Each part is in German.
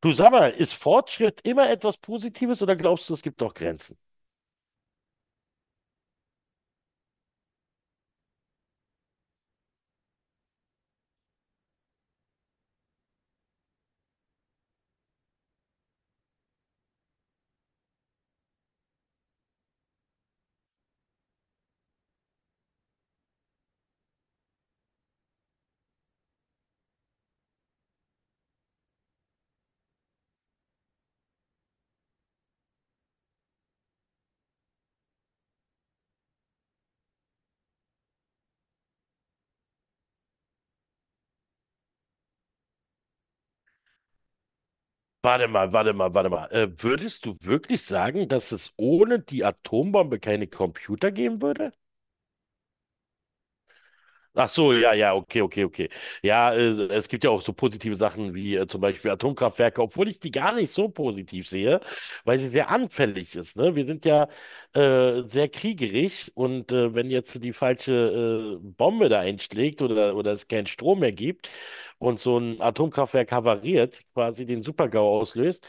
Du sag mal, ist Fortschritt immer etwas Positives oder glaubst du, es gibt auch Grenzen? Warte mal, warte mal, warte mal. Würdest du wirklich sagen, dass es ohne die Atombombe keine Computer geben würde? Ach so, ja, ja, okay, okay, okay. Ja, es gibt ja auch so positive Sachen wie zum Beispiel Atomkraftwerke, obwohl ich die gar nicht so positiv sehe, weil sie sehr anfällig ist. Ne? Wir sind ja sehr kriegerig und wenn jetzt die falsche Bombe da einschlägt oder es keinen Strom mehr gibt und so ein Atomkraftwerk havariert, quasi den Super-GAU auslöst,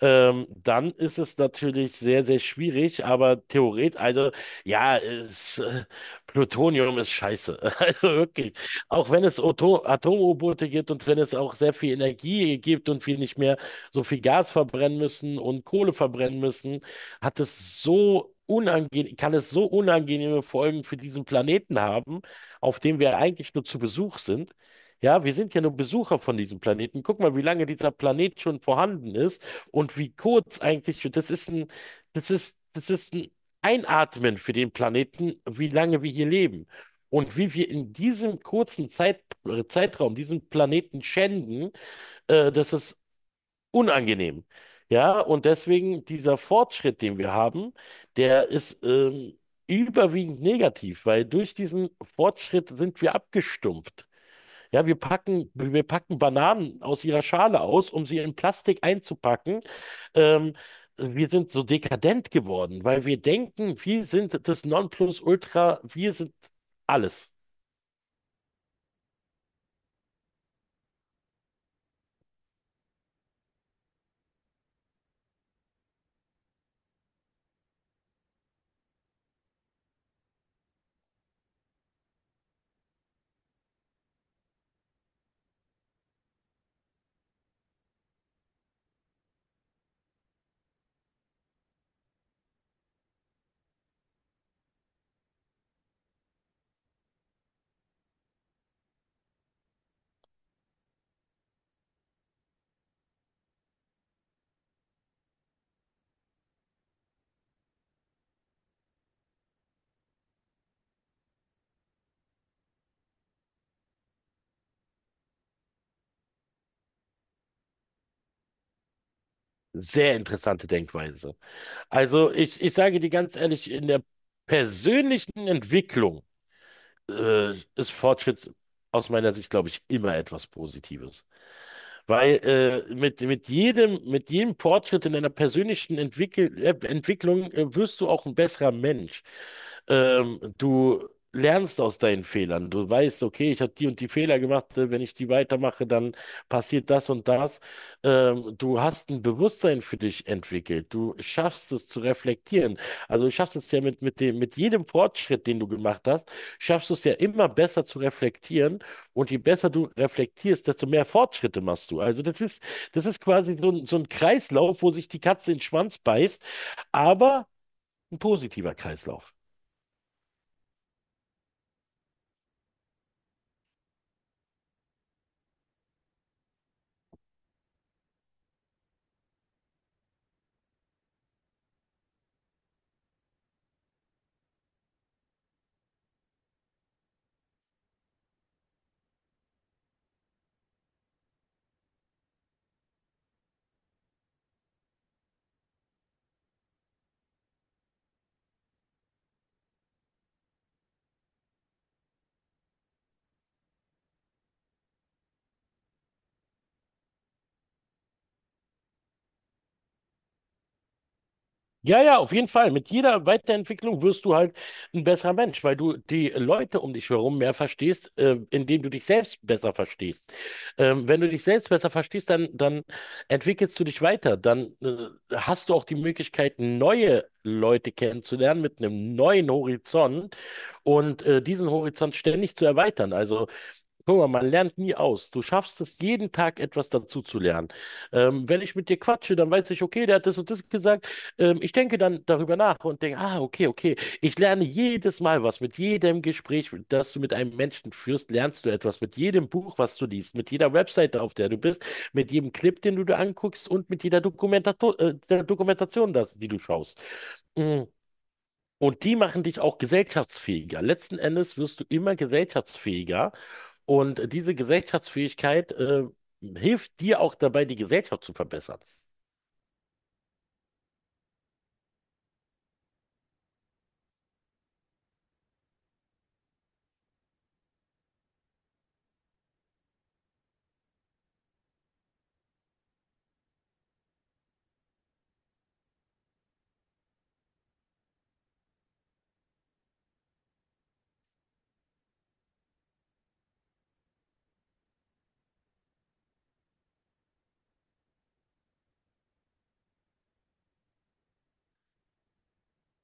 dann ist es natürlich sehr, sehr schwierig, aber theoretisch, also ja, es. Plutonium ist scheiße. Also wirklich. Auch wenn es Atom-U-Boote gibt und wenn es auch sehr viel Energie gibt und wir nicht mehr so viel Gas verbrennen müssen und Kohle verbrennen müssen, hat es so unangenehm, kann es so unangenehme Folgen für diesen Planeten haben, auf dem wir eigentlich nur zu Besuch sind. Ja, wir sind ja nur Besucher von diesem Planeten. Guck mal, wie lange dieser Planet schon vorhanden ist und wie kurz eigentlich, das ist ein einatmen für den Planeten, wie lange wir hier leben und wie wir in diesem kurzen Zeitraum diesen Planeten schänden, das ist unangenehm. Ja, und deswegen dieser Fortschritt, den wir haben, der ist überwiegend negativ, weil durch diesen Fortschritt sind wir abgestumpft. Ja, wir packen Bananen aus ihrer Schale aus, um sie in Plastik einzupacken. Ähm, Wir sind so dekadent geworden, weil wir denken, wir sind das Nonplusultra, wir sind alles. Sehr interessante Denkweise. Also ich sage dir ganz ehrlich, in der persönlichen Entwicklung ist Fortschritt aus meiner Sicht, glaube ich, immer etwas Positives. Weil mit jedem Fortschritt in deiner persönlichen Entwicklung wirst du auch ein besserer Mensch. Du lernst aus deinen Fehlern. Du weißt, okay, ich habe die und die Fehler gemacht. Wenn ich die weitermache, dann passiert das und das. Du hast ein Bewusstsein für dich entwickelt. Du schaffst es zu reflektieren. Also du schaffst es ja mit jedem Fortschritt, den du gemacht hast, schaffst du es ja immer besser zu reflektieren und je besser du reflektierst, desto mehr Fortschritte machst du. Also das ist quasi so ein Kreislauf, wo sich die Katze in den Schwanz beißt, aber ein positiver Kreislauf. Ja, ja, auf jeden Fall. Mit jeder Weiterentwicklung wirst du halt ein besserer Mensch, weil du die Leute um dich herum mehr verstehst, indem du dich selbst besser verstehst. Wenn du dich selbst besser verstehst, dann entwickelst du dich weiter. Dann hast du auch die Möglichkeit, neue Leute kennenzulernen mit einem neuen Horizont und diesen Horizont ständig zu erweitern. Also, guck mal, man lernt nie aus. Du schaffst es, jeden Tag etwas dazu zu lernen. Wenn ich mit dir quatsche, dann weiß ich, okay, der hat das und das gesagt. Ich denke dann darüber nach und denke, ah, okay, okay. Ich lerne jedes Mal was. Mit jedem Gespräch, das du mit einem Menschen führst, lernst du etwas. Mit jedem Buch, was du liest, mit jeder Webseite, auf der du bist, mit jedem Clip, den du dir anguckst und mit jeder Dokumentato der Dokumentation, die du schaust. Mm. Und die machen dich auch gesellschaftsfähiger. Letzten Endes wirst du immer gesellschaftsfähiger und diese Gesellschaftsfähigkeit, hilft dir auch dabei, die Gesellschaft zu verbessern.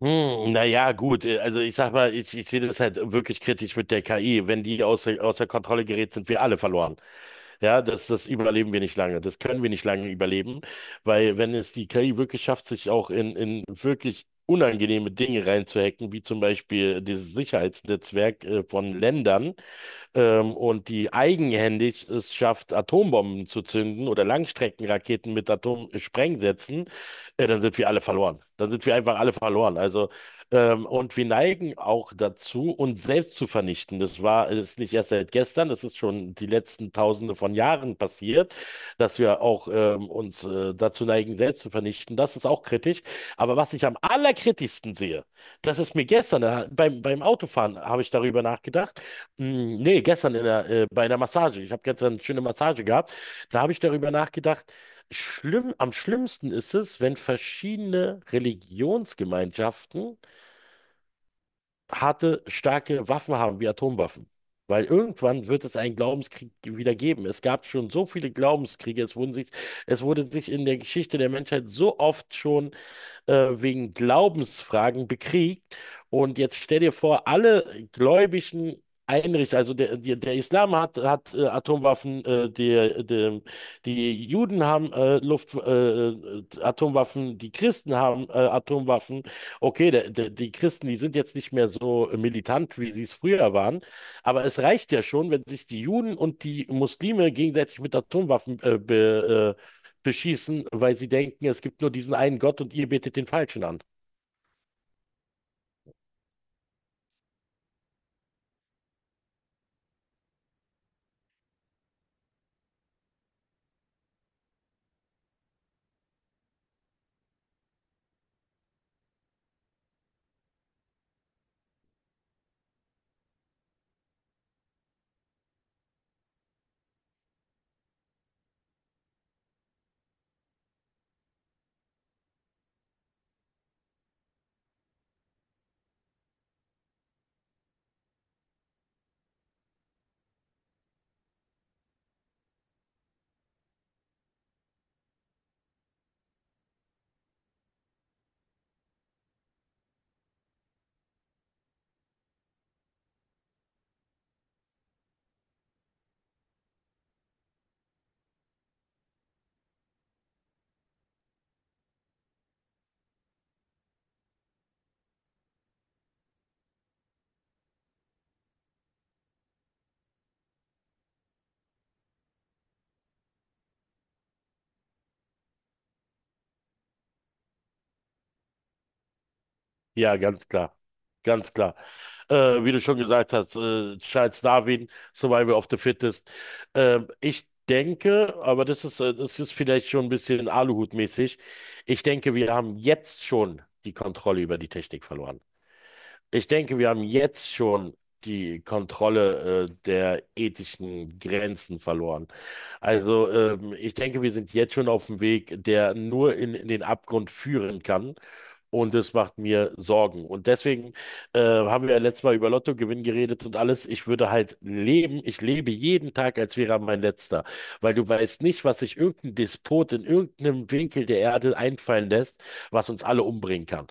Hm, naja, gut. Also ich sag mal, ich sehe das halt wirklich kritisch mit der KI. Wenn die außer Kontrolle gerät, sind wir alle verloren. Ja, das überleben wir nicht lange. Das können wir nicht lange überleben, weil wenn es die KI wirklich schafft, sich auch in wirklich unangenehme Dinge reinzuhacken, wie zum Beispiel dieses Sicherheitsnetzwerk von Ländern, und die eigenhändig es schafft, Atombomben zu zünden oder Langstreckenraketen mit Atomsprengsätzen, dann sind wir alle verloren. Dann sind wir einfach alle verloren. Also, und wir neigen auch dazu, uns selbst zu vernichten. Das war Ist nicht erst seit gestern, das ist schon die letzten Tausende von Jahren passiert, dass wir auch uns dazu neigen, selbst zu vernichten. Das ist auch kritisch. Aber was ich am allerkritischsten sehe, das ist mir gestern beim Autofahren, habe ich darüber nachgedacht. Mm, nee, gestern bei einer Massage. Ich habe gestern eine schöne Massage gehabt. Da habe ich darüber nachgedacht, schlimm, am schlimmsten ist es, wenn verschiedene Religionsgemeinschaften harte, starke Waffen haben, wie Atomwaffen. Weil irgendwann wird es einen Glaubenskrieg wieder geben. Es gab schon so viele Glaubenskriege. Es wurde sich in der Geschichte der Menschheit so oft schon wegen Glaubensfragen bekriegt. Und jetzt stell dir vor, alle gläubigen Einrichtungen, also der Islam hat, hat Atomwaffen, die Juden haben Atomwaffen, die Christen haben Atomwaffen. Okay, die Christen, die sind jetzt nicht mehr so militant, wie sie es früher waren, aber es reicht ja schon, wenn sich die Juden und die Muslime gegenseitig mit Atomwaffen beschießen, weil sie denken, es gibt nur diesen einen Gott und ihr betet den Falschen an. Ja, ganz klar. Ganz klar. Wie du schon gesagt hast, Charles Darwin, Survival of the Fittest. Ich denke, aber das ist vielleicht schon ein bisschen Aluhut-mäßig. Ich denke, wir haben jetzt schon die Kontrolle über die Technik verloren. Ich denke, wir haben jetzt schon die Kontrolle, der ethischen Grenzen verloren. Also, ich denke, wir sind jetzt schon auf dem Weg, der nur in den Abgrund führen kann. Und das macht mir Sorgen. Und deswegen haben wir ja letztes Mal über Lottogewinn geredet und alles. Ich würde halt leben, ich lebe jeden Tag, als wäre er mein letzter. Weil du weißt nicht, was sich irgendein Despot in irgendeinem Winkel der Erde einfallen lässt, was uns alle umbringen kann.